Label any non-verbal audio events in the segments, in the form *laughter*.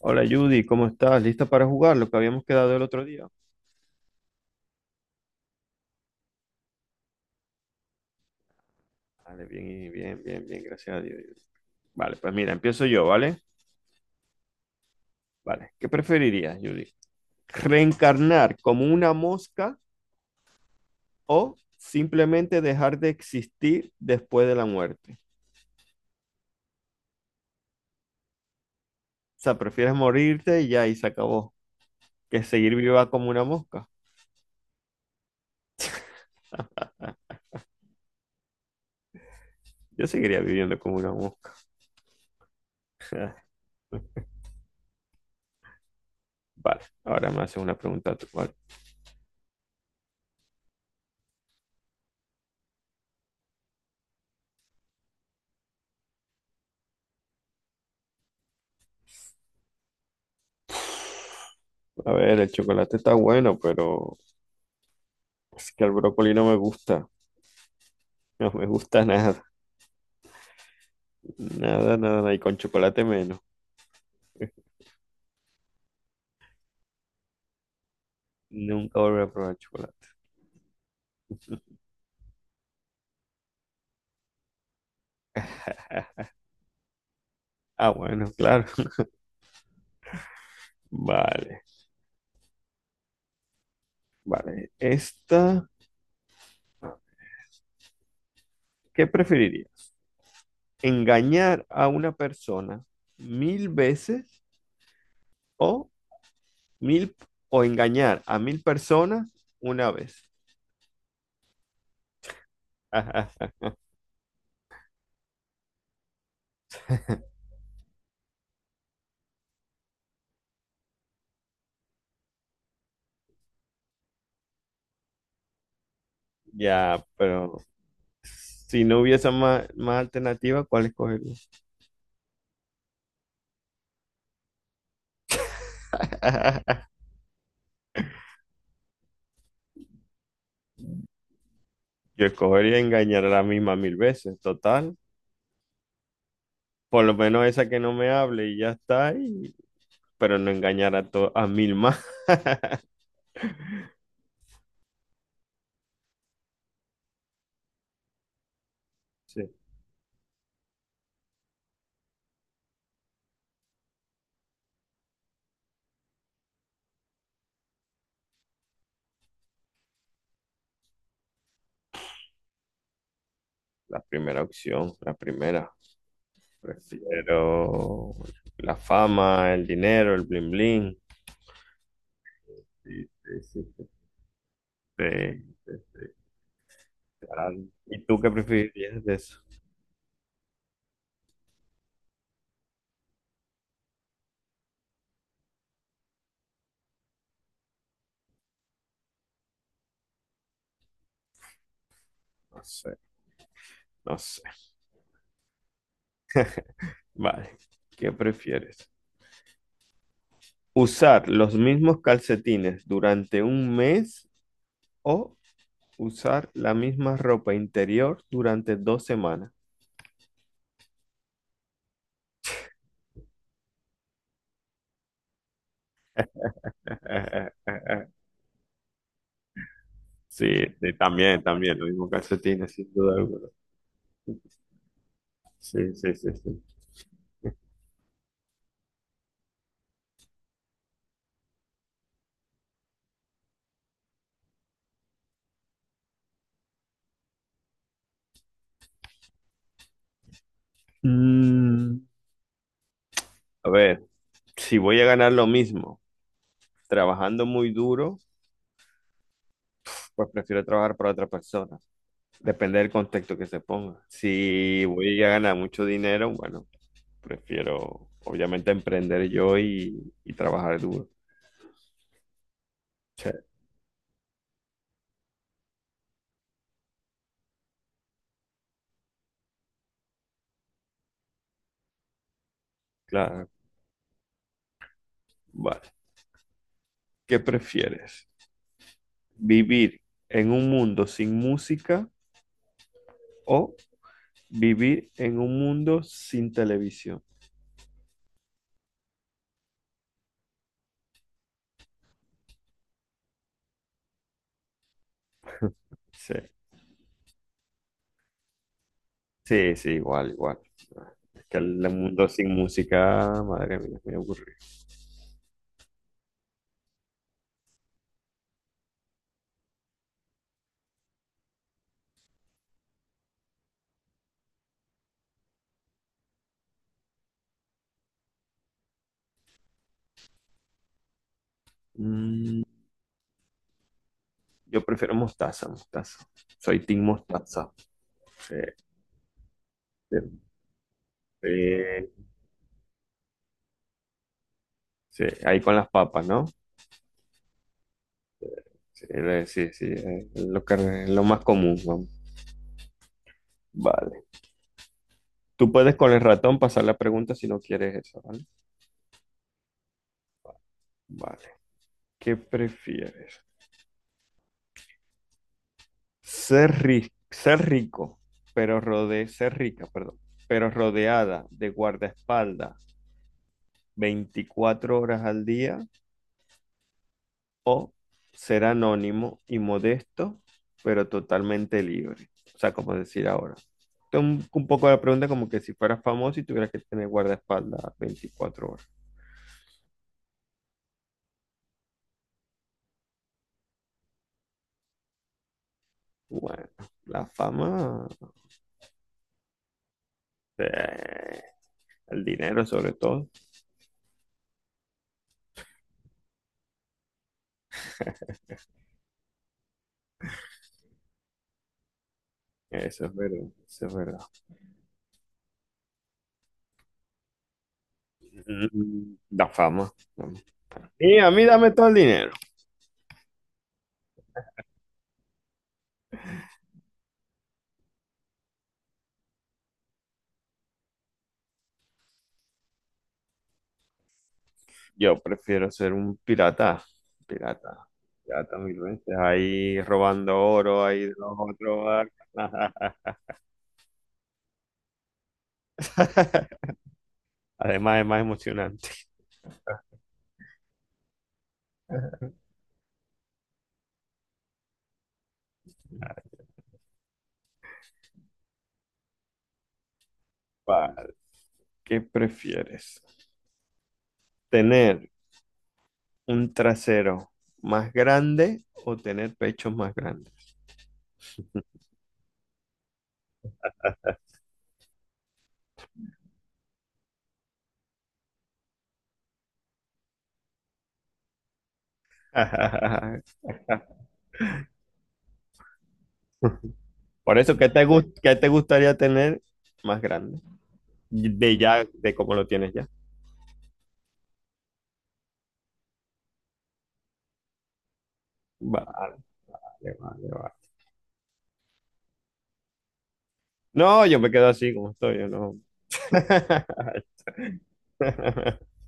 Hola Judy, ¿cómo estás? ¿Lista para jugar lo que habíamos quedado el otro día? Vale, bien, y bien, gracias a Dios. Judy. Vale, pues mira, empiezo yo, ¿vale? Vale, ¿qué preferirías, Judy? ¿Reencarnar como una mosca o simplemente dejar de existir después de la muerte? O sea, ¿prefieres morirte y ya y se acabó que seguir viva como una mosca? Yo seguiría viviendo como una mosca. *laughs* Vale, ahora me haces una pregunta tú, ¿vale? A ver, el chocolate está bueno, pero es que el brócoli no me gusta. No me gusta nada, nada, nada, nada. Y con chocolate menos. Nunca volveré a probar chocolate. Ah, bueno, claro. *laughs* Vale, vale. Esta, ¿qué preferirías? ¿Engañar a una persona mil veces o mil o engañar a mil personas una vez? *laughs* Ya, pero si no hubiese más alternativa, ¿cuál escogerías? *laughs* Yo escogería engañar a la misma mil veces. Total, por lo menos esa que no me hable y ya está, y pero no engañar a, to- a mil más. *laughs* Sí, la primera opción, la primera. Prefiero la fama, el dinero, el bling bling. Sí, sí, sí, sí, sí, sí, claro. ¿Y tú qué preferirías de eso? No sé, no sé. Vale, ¿qué prefieres? ¿Usar los mismos calcetines durante un mes o usar la misma ropa interior durante dos semanas? Eh, eh, eh. Sí, sí, también, también, lo mismo calcetines, sin duda alguna. Sí, sí, sí, sí. Mm, a ver, si voy a ganar lo mismo trabajando muy duro, pues prefiero trabajar para otra persona. Depende del contexto que se ponga. Si voy a ganar mucho dinero, bueno, prefiero obviamente emprender yo y trabajar duro. Sí, claro. Vale. ¿Qué prefieres? ¿Vivir en un mundo sin música o vivir en un mundo sin televisión? Sí, sí, sí, igual, igual. Es que el mundo sin música, madre mía, me aburrido. Mm, yo prefiero mostaza, mostaza. Soy team mostaza. Sí, sí, sí, sí. Ahí con las papas, ¿no? Sí, sí, sí, es lo que, es lo más común, vamos. Vale. Tú puedes con el ratón pasar la pregunta si no quieres eso, ¿vale? Vale. ¿Qué prefieres? Ser rico, pero ser rica, perdón, pero rodeada de guardaespaldas 24 horas al día o ser anónimo y modesto, pero totalmente libre. O sea, como decir ahora. Esto es un poco la pregunta como que si fueras famoso y tuvieras que tener guardaespaldas 24 horas. Bueno, la fama, eh, el dinero sobre todo. Eso es verdad, eso es verdad. Mm, la fama. ¿No? Y a mí dame todo el dinero. Yo prefiero ser un pirata, pirata, pirata mil veces, ahí robando oro, ahí de los otros barcos. *laughs* Además es más emocionante. Vale, ¿qué prefieres? ¿Tener un trasero más grande o tener pechos más grandes? *laughs* Por eso, ¿qué te gustaría tener más grande? De ya, de cómo lo tienes ya. Vale, vale, vale. No, yo me quedo así como estoy, yo no. *laughs*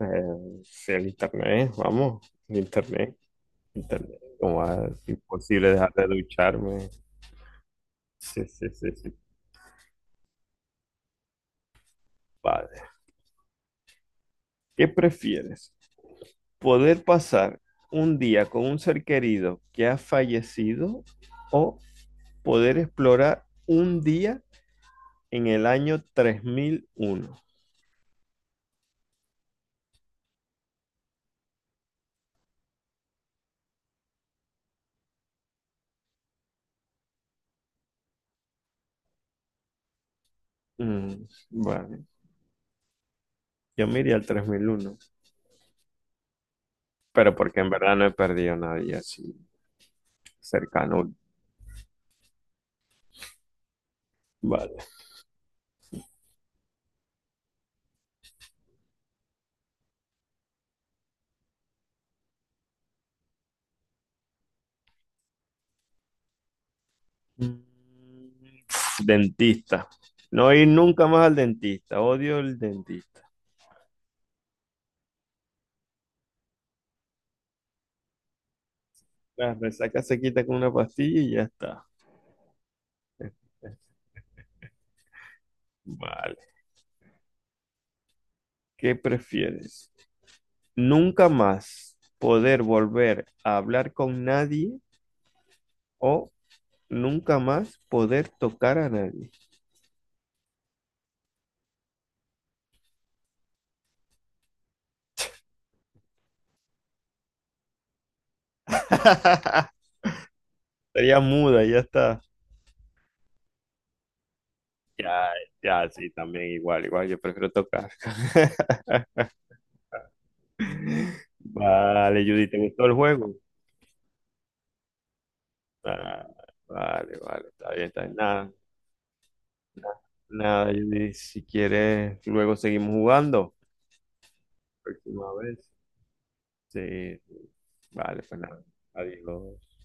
Sí, el internet, vamos, el internet, internet. Como ah, es imposible dejar de ducharme. Sí, sí, sí, sí, padre. ¿Qué prefieres? ¿Poder pasar un día con un ser querido que ha fallecido o poder explorar un día en el año 3001? Mm, vale, yo me iría al tres mil uno, pero porque en verdad no he perdido a nadie así cercano. Vale. Mm, dentista. No ir nunca más al dentista. Odio el dentista. La resaca se quita con una pastilla y ya está. Vale. ¿Qué prefieres? ¿Nunca más poder volver a hablar con nadie o nunca más poder tocar a nadie? *laughs* Sería muda, ya está. Ya, ya, sí, también igual, igual. Yo prefiero tocar. *laughs* Vale, Judy, ¿te gustó el juego? Ah, vale, vale, está bien, está bien. Nada, nada, Judy, si quieres, luego seguimos jugando. Próxima vez. Sí, sí. Vale, pues nada. Adiós.